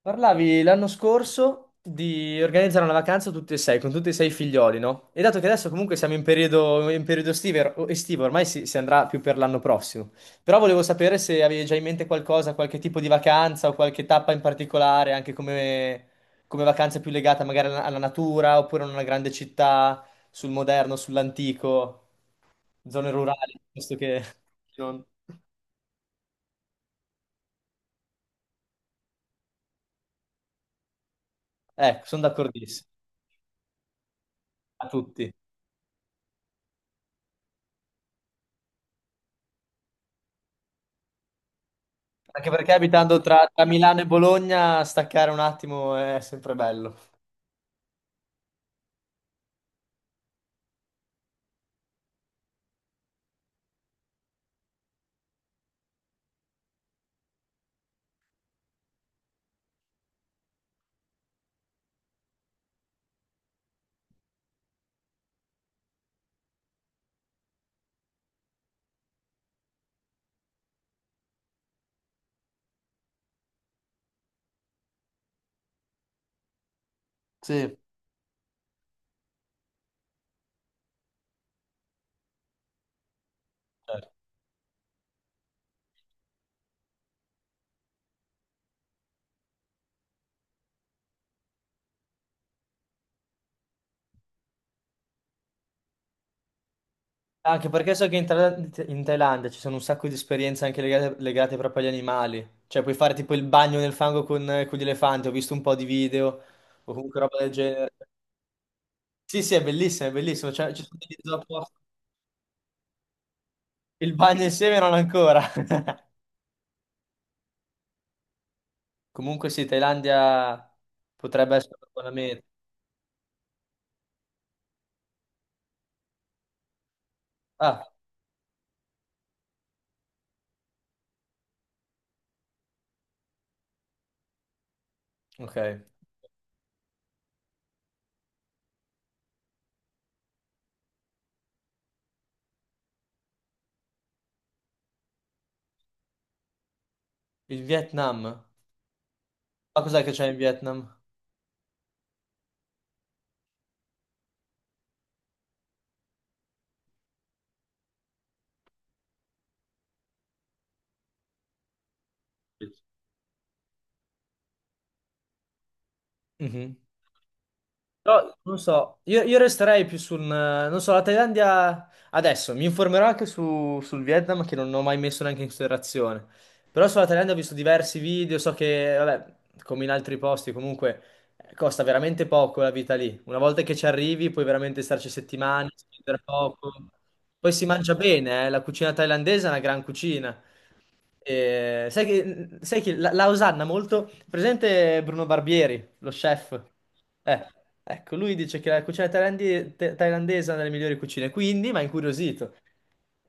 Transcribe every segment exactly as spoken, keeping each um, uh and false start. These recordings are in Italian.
Parlavi l'anno scorso di organizzare una vacanza tutti e sei, con tutti e sei i figlioli, no? E dato che adesso comunque siamo in periodo, in periodo estive- o- estivo, ormai si, si andrà più per l'anno prossimo. Però volevo sapere se avevi già in mente qualcosa, qualche tipo di vacanza o qualche tappa in particolare, anche come, come vacanza più legata magari alla, alla natura, oppure a una grande città, sul moderno, sull'antico, zone rurali, piuttosto che... non- Ecco, sono d'accordissimo, a tutti. Anche perché abitando tra, tra Milano e Bologna, staccare un attimo è sempre bello. Sì, certo. Anche perché so che in, Thail- in Thailandia ci sono un sacco di esperienze anche legate, legate proprio agli animali. Cioè, puoi fare tipo il bagno nel fango con, con gli elefanti. Ho visto un po' di video o comunque roba del genere. Sì, sì, è bellissimo, è bellissimo. Cioè, ci sono degli zoo apposta. Il bagno insieme non ancora. Comunque sì, Thailandia potrebbe essere una buona meta. Ah, ok. Il Vietnam. Ma cos'è che c'è in Vietnam? Mhm. Però non so, io, io resterei più sul, non so, la Thailandia adesso, mi informerò anche su- sul Vietnam che non ho mai messo neanche in considerazione, però sulla Thailandia ho visto diversi video, so che, vabbè, come in altri posti comunque eh, costa veramente poco la vita lì, una volta che ci arrivi puoi veramente starci settimane, spendere poco. Poi si mangia bene, eh, la cucina thailandese è una gran cucina. E sai che, sai che la, la osanna molto... Presente Bruno Barbieri, lo chef? Eh, ecco, lui dice che la cucina thailandi- th- thailandese è una delle migliori cucine, quindi mi ha incuriosito.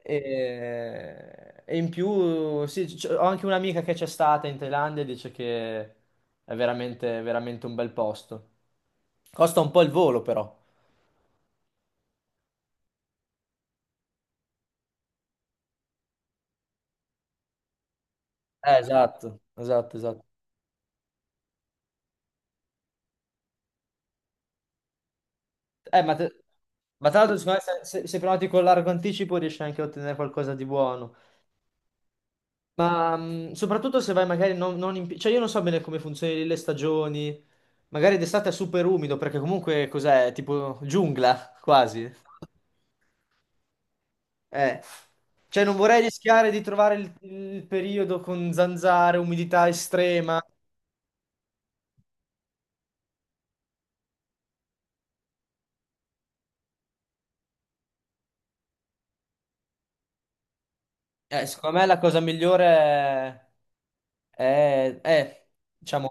E, e in più, sì, c- ho anche un'amica che c'è stata in Thailandia e dice che è veramente, veramente un bel posto. Costa un po' il volo, però. Eh, esatto, esatto, esatto. Eh, ma, te- ma tra l'altro, secondo me, se, se, se prenoti con largo anticipo riesci anche a ottenere qualcosa di buono. Ma mh, soprattutto se vai magari non, non in... pi- Cioè, io non so bene come funzionano le stagioni. Magari d'estate è super umido, perché comunque cos'è? Tipo giungla, quasi. Eh. Cioè, non vorrei rischiare di trovare il, il periodo con zanzare, umidità estrema. Eh, secondo me la cosa migliore è... è, è diciamo...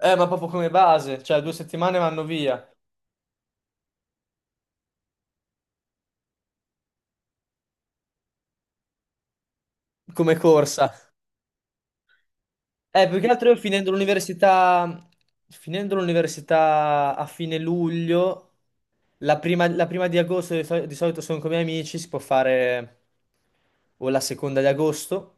Eh, ma proprio come base, cioè due settimane vanno via come corsa. Eh, più che altro io finendo l'università, finendo l'università a fine luglio, la prima, la prima di agosto di, sol- di solito sono con i miei amici, si può fare o la seconda di agosto,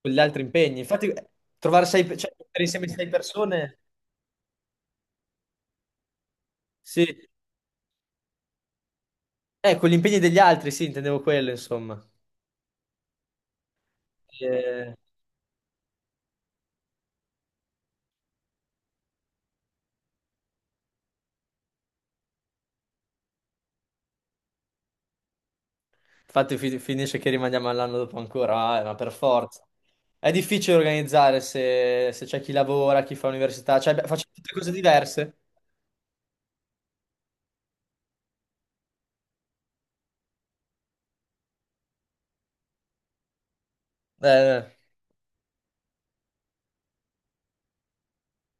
con gli altri impegni. Infatti, eh, trovare sei, pe- cioè, mettere insieme sei persone, sì, eh, con gli impegni degli altri, sì, intendevo quello, insomma. Eh, Infatti fi- finisce che rimaniamo all'anno dopo ancora, eh, ma per forza. È difficile organizzare se, se c'è chi lavora, chi fa università, cioè beh, facciamo tutte cose diverse. Eh, eh.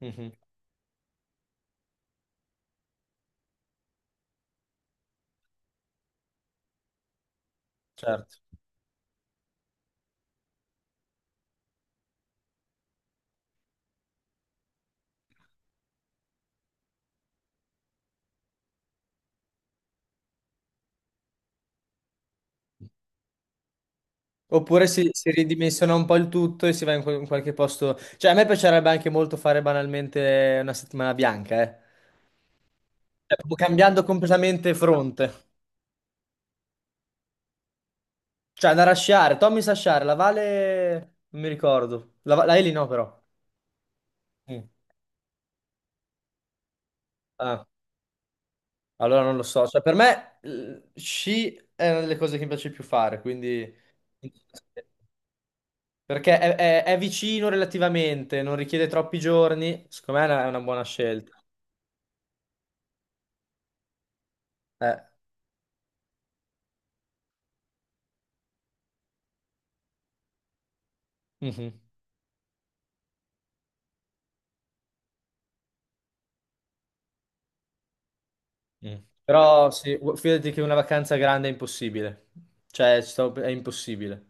Mhm, certo. Oppure si, si ridimensiona un po' il tutto e si va in, quel- in qualche posto. Cioè, a me piacerebbe anche molto fare banalmente una settimana bianca, eh. Cioè, proprio cambiando completamente fronte. Cioè, andare a sciare. Tommy sa sciare, la Vale non mi ricordo. La, Va- la Eli no, però. Mm. Ah. Allora non lo so, cioè per me eh, sci è una delle cose che mi piace più fare, quindi perché è, è- è vicino relativamente, non richiede troppi giorni, secondo me è una, è una buona scelta. Eh, mhm, mm. Però sì, gu- fidati che una vacanza grande è impossibile, cioè ci sto- è impossibile.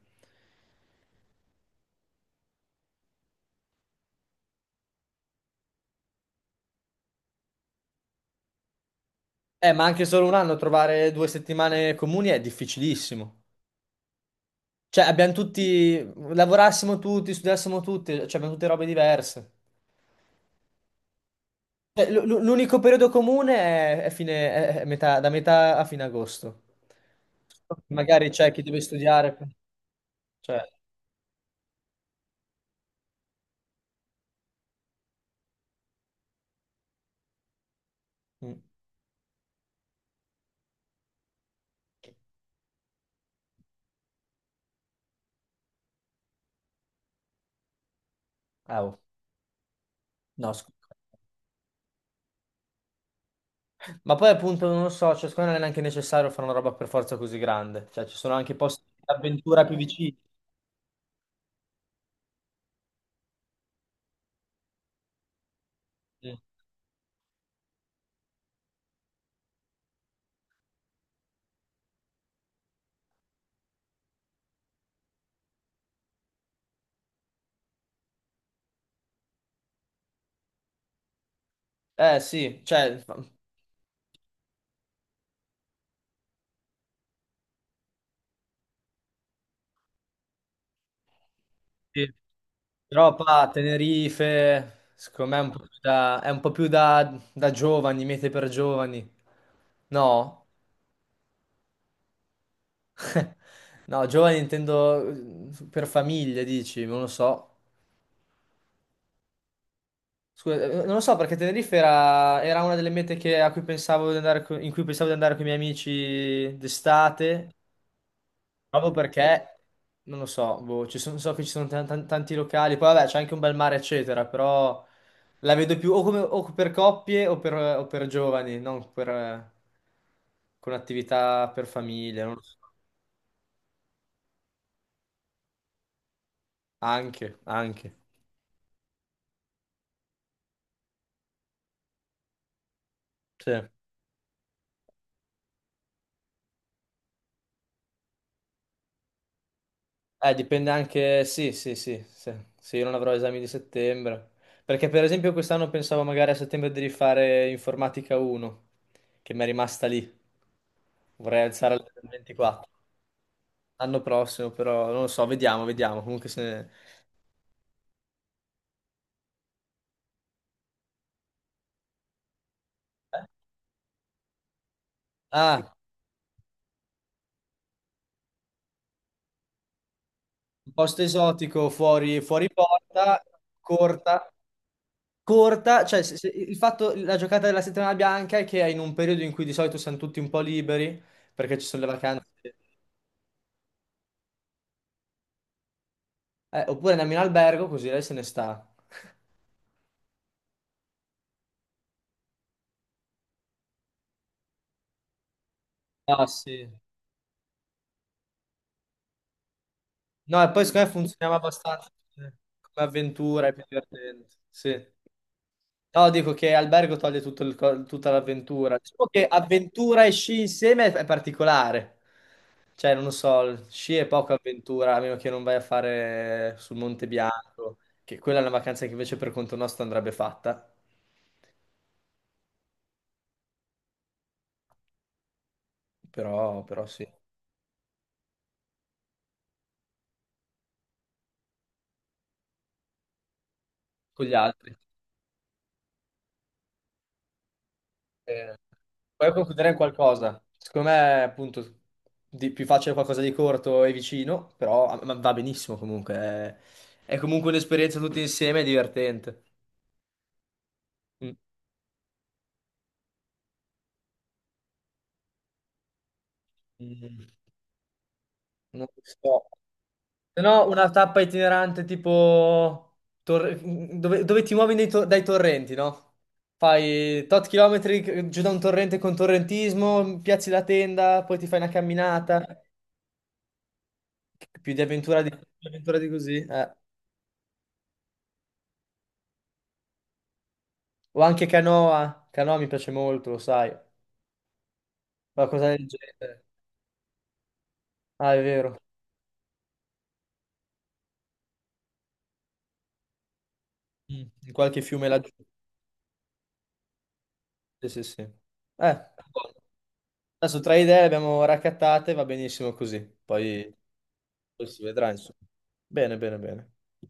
Eh, ma anche solo un anno trovare due settimane comuni è difficilissimo. Cioè abbiamo tutti, lavorassimo tutti, studiassimo tutti, cioè abbiamo tutte robe diverse. Cioè, l- l- l'unico periodo comune è, è fine- è- è metà- da metà a fine agosto. Magari c'è chi deve studiare. Cioè, mm, ah, oh, no, scusa. Ma poi appunto non lo so, cioè, secondo me non è neanche necessario fare una roba per forza così grande. Cioè, ci sono anche posti di avventura più vicini. Eh sì, cioè, sì. Però qua, Tenerife, secondo me è un po' più da, è un po' più da, da giovani, mete per giovani. No? No, giovani intendo eh, per famiglie, dici, non lo so. Scusa, eh, non lo so perché Tenerife era, era una delle mete che- a cui pensavo di andare, co- in cui pensavo di andare con i miei amici d'estate, proprio perché, non lo so, boh, ci sono- so che ci sono tan- tan- tanti locali, poi vabbè c'è anche un bel mare, eccetera, però la vedo più o, come- o per coppie o per, o per giovani, non per, eh, con attività per famiglie, non lo so. Anche, anche. Sì. Eh, dipende anche, sì, sì, sì, se, se io non avrò esami di settembre. Perché per esempio quest'anno pensavo magari a settembre di rifare informatica uno, che mi è rimasta lì. Vorrei alzare al ventiquattro. L'anno prossimo, però non lo so, vediamo, vediamo. Comunque se... eh? Ah, un posto esotico fuori, fuori porta, corta. Corta, cioè se- se- il fatto, la giocata della settimana bianca è che è in un periodo in cui di solito siamo tutti un po' liberi, perché ci sono le vacanze. Eh, oppure andiamo in albergo così lei se ne sta. Ah, sì. No, e poi secondo me funzioniamo abbastanza come come avventura, è più divertente. Sì. No, dico che albergo toglie tutto il co- tutta l'avventura. Diciamo che avventura e sci insieme è è particolare. Cioè, non lo so, sci è poca avventura, a meno che non vai a fare sul Monte Bianco, che quella è una vacanza che invece per conto nostro andrebbe fatta. Però, però sì, con gli altri. Eh, Puoi concludere in qualcosa. Secondo me, appunto, di- più facile qualcosa di corto e vicino, però ah, ma va benissimo comunque. È, è comunque un'esperienza tutti insieme e divertente. Mm, mm, non lo so. Se no, una tappa itinerante tipo torre- dove, dove ti muovi nei to- dai torrenti, no? Fai tot chilometri giù da un torrente con torrentismo, piazzi la tenda, poi ti fai una camminata. Più di avventura di, più di avventura di così. Eh. O anche Canoa. Canoa mi piace molto, lo sai. Qualcosa del genere. Ah, è vero. Mm, in qualche fiume laggiù. Sì, sì, sì. Eh, buono. Adesso tre idee le abbiamo raccattate, va benissimo così. Poi, poi si vedrà, insomma. Bene, bene, bene.